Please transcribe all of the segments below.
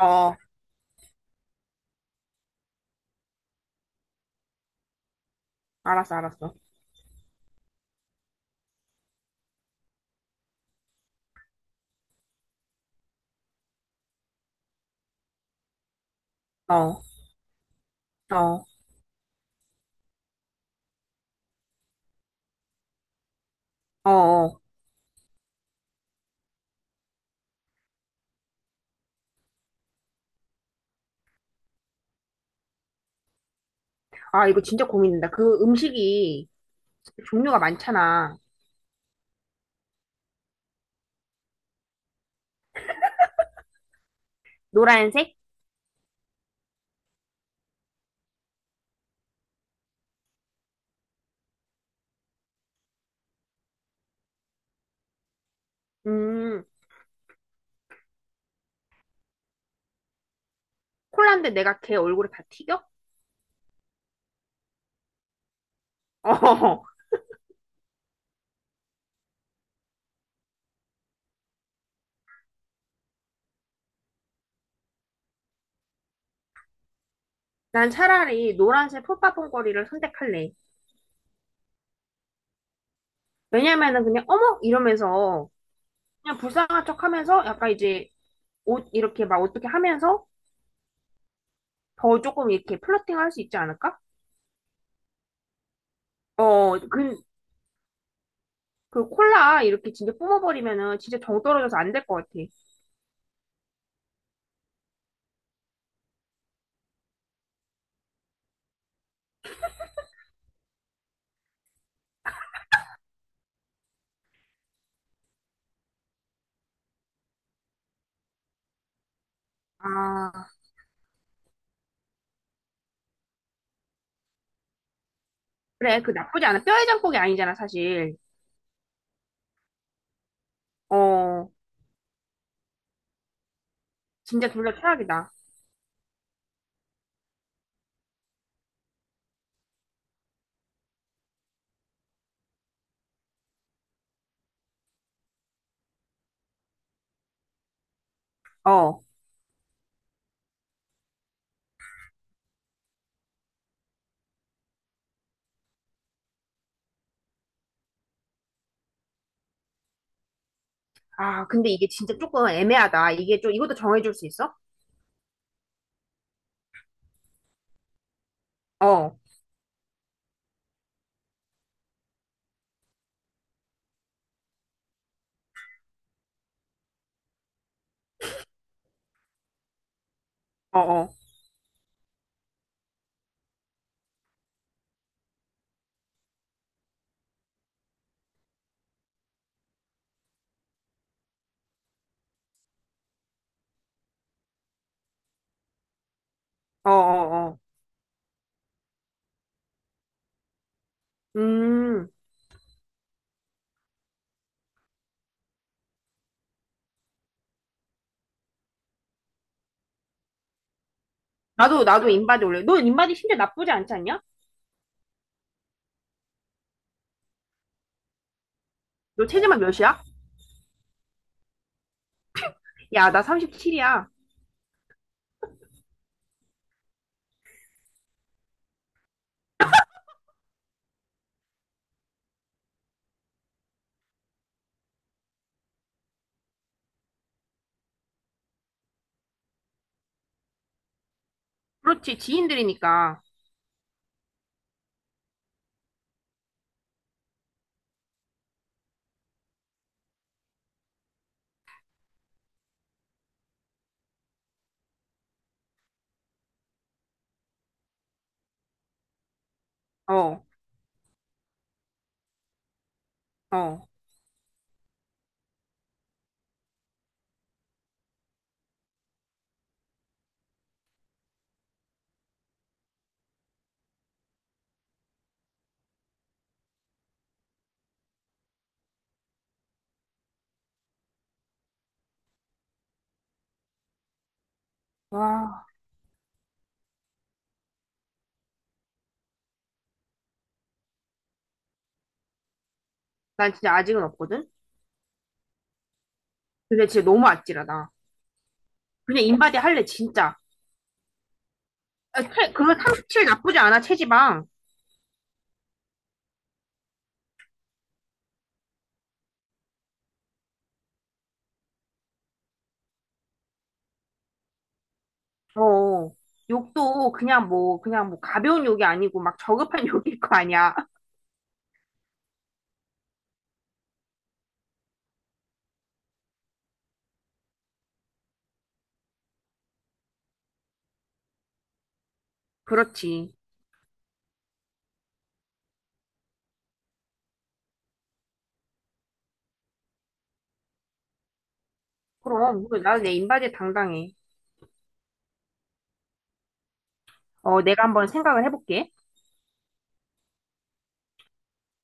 어, 알았어, 알았어. 어, 어, 어, 어. 아, 이거 진짜 고민된다. 그 음식이 종류가 많잖아. 노란색? 음, 콜라인데 내가 걔 얼굴에 다 튀겨? 어, 난 차라리 노란색 풋바퐁거리를 선택할래. 왜냐면은 그냥 어머! 이러면서 그냥 불쌍한 척 하면서 약간 이제 옷 이렇게 막 어떻게 하면서 더 조금 이렇게 플러팅 할 수 있지 않을까? 어, 그, 그 콜라 이렇게 진짜 뿜어버리면은 진짜 정 떨어져서 안 될 것 같아. 아. 그래, 그 나쁘지 않아. 뼈에 장국이 아니잖아, 사실. 어, 진짜 둘 다 최악이다. 어. 아, 근데 이게 진짜 조금 애매하다. 이게 좀, 이것도 정해줄 수 있어? 어, 어, 어, 어, 어, 어. 음, 나도, 나도 인바디 올래. 너 인바디 심지어 나쁘지 않지 않냐? 너 체지방 몇이야? 야, 나 37이야. 그렇지, 지인들이니까. 어, 어. 와, 난 진짜 아직은 없거든? 근데 진짜 너무 아찔하다. 그냥 인바디 할래, 진짜. 그거 37 나쁘지 않아, 체지방. 어, 욕도 그냥 뭐, 그냥 뭐 가벼운 욕이 아니고 막 저급한 욕일 거 아니야. 그렇지. 그럼, 이거 나는 내 인바디에 당당해. 어, 내가 한번 생각을 해볼게.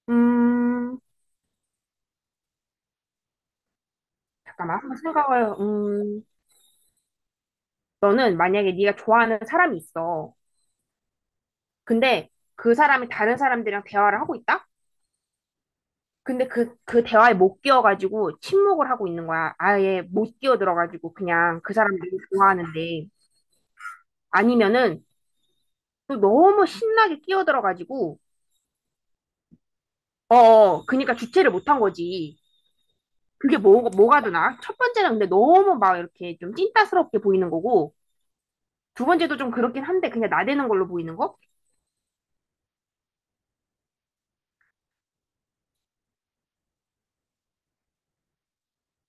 음, 잠깐만, 한번 생각을, 너는 만약에 네가 좋아하는 사람이 있어. 근데 그 사람이 다른 사람들이랑 대화를 하고 있다? 근데 그 대화에 못 끼어가지고 침묵을 하고 있는 거야. 아예 못 끼어들어가지고 그냥 그 사람들이 좋아하는데. 아니면은 또 너무 신나게 끼어들어가지고 어, 어, 그니까 주체를 못한 거지. 그게 뭐가 되나? 첫 번째는 근데 너무 막 이렇게 좀 찐따스럽게 보이는 거고, 두 번째도 좀 그렇긴 한데 그냥 나대는 걸로 보이는 거?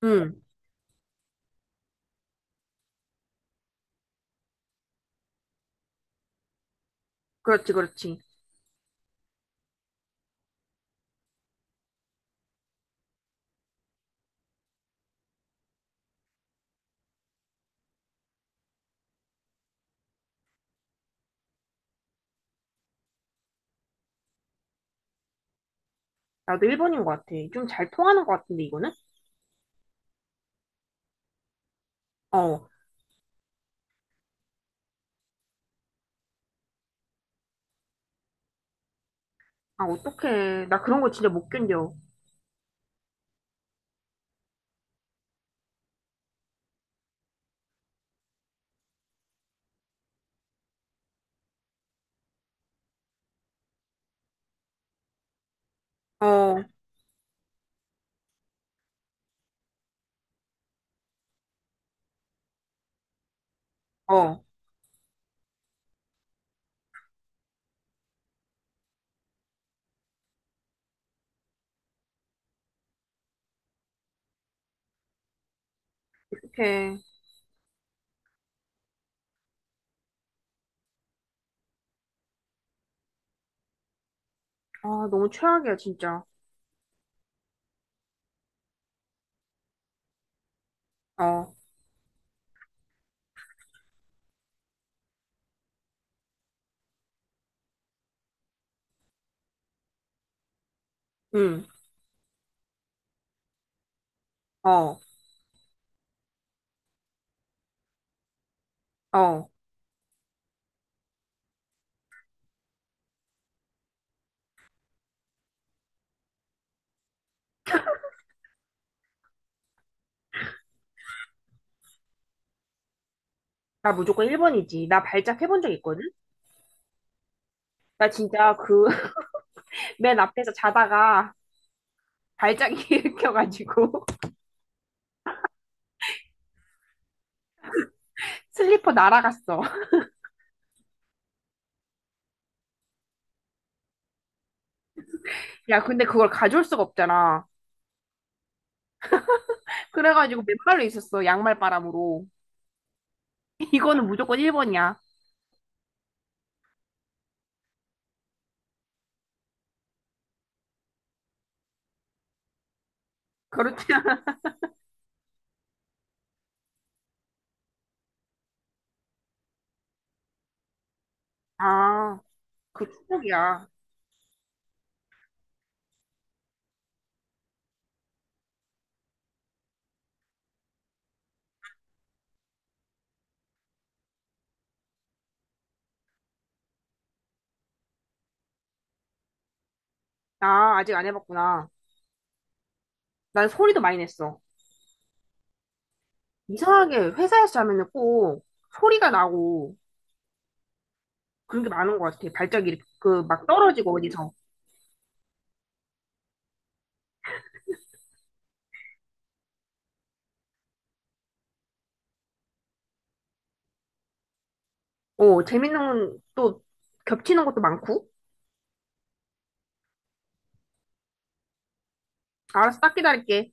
응, 그렇지, 그렇지. 나도 1번인 것 같아. 좀 잘 통하는 것 같은데, 이거는? 어, 아, 어떡해. 나 그런 거 진짜 못 견뎌. 어, 어, 어떡해. 아, 너무 최악이야, 진짜. 어, 응, 어, 어. 나 무조건 1번이지. 나 발작 해본 적 있거든? 나 진짜 그, 맨 앞에서 자다가 발작이 일으켜가지고. 슬리퍼 날아갔어. 야, 근데 그걸 가져올 수가 없잖아. 그래가지고 맨발로 있었어. 양말 바람으로. 이거는 무조건 1번이야. 그렇지. 아, 그 축복이야. 아, 아직 안 해봤구나. 난 소리도 많이 냈어. 이상하게 회사에서 자면은 꼭 소리가 나고 그런 게 많은 것 같아. 발작이 그 막 떨어지고 어디서. 어, 재밌는 건 또 겹치는 것도 많고. 알았어, 딱 기다릴게.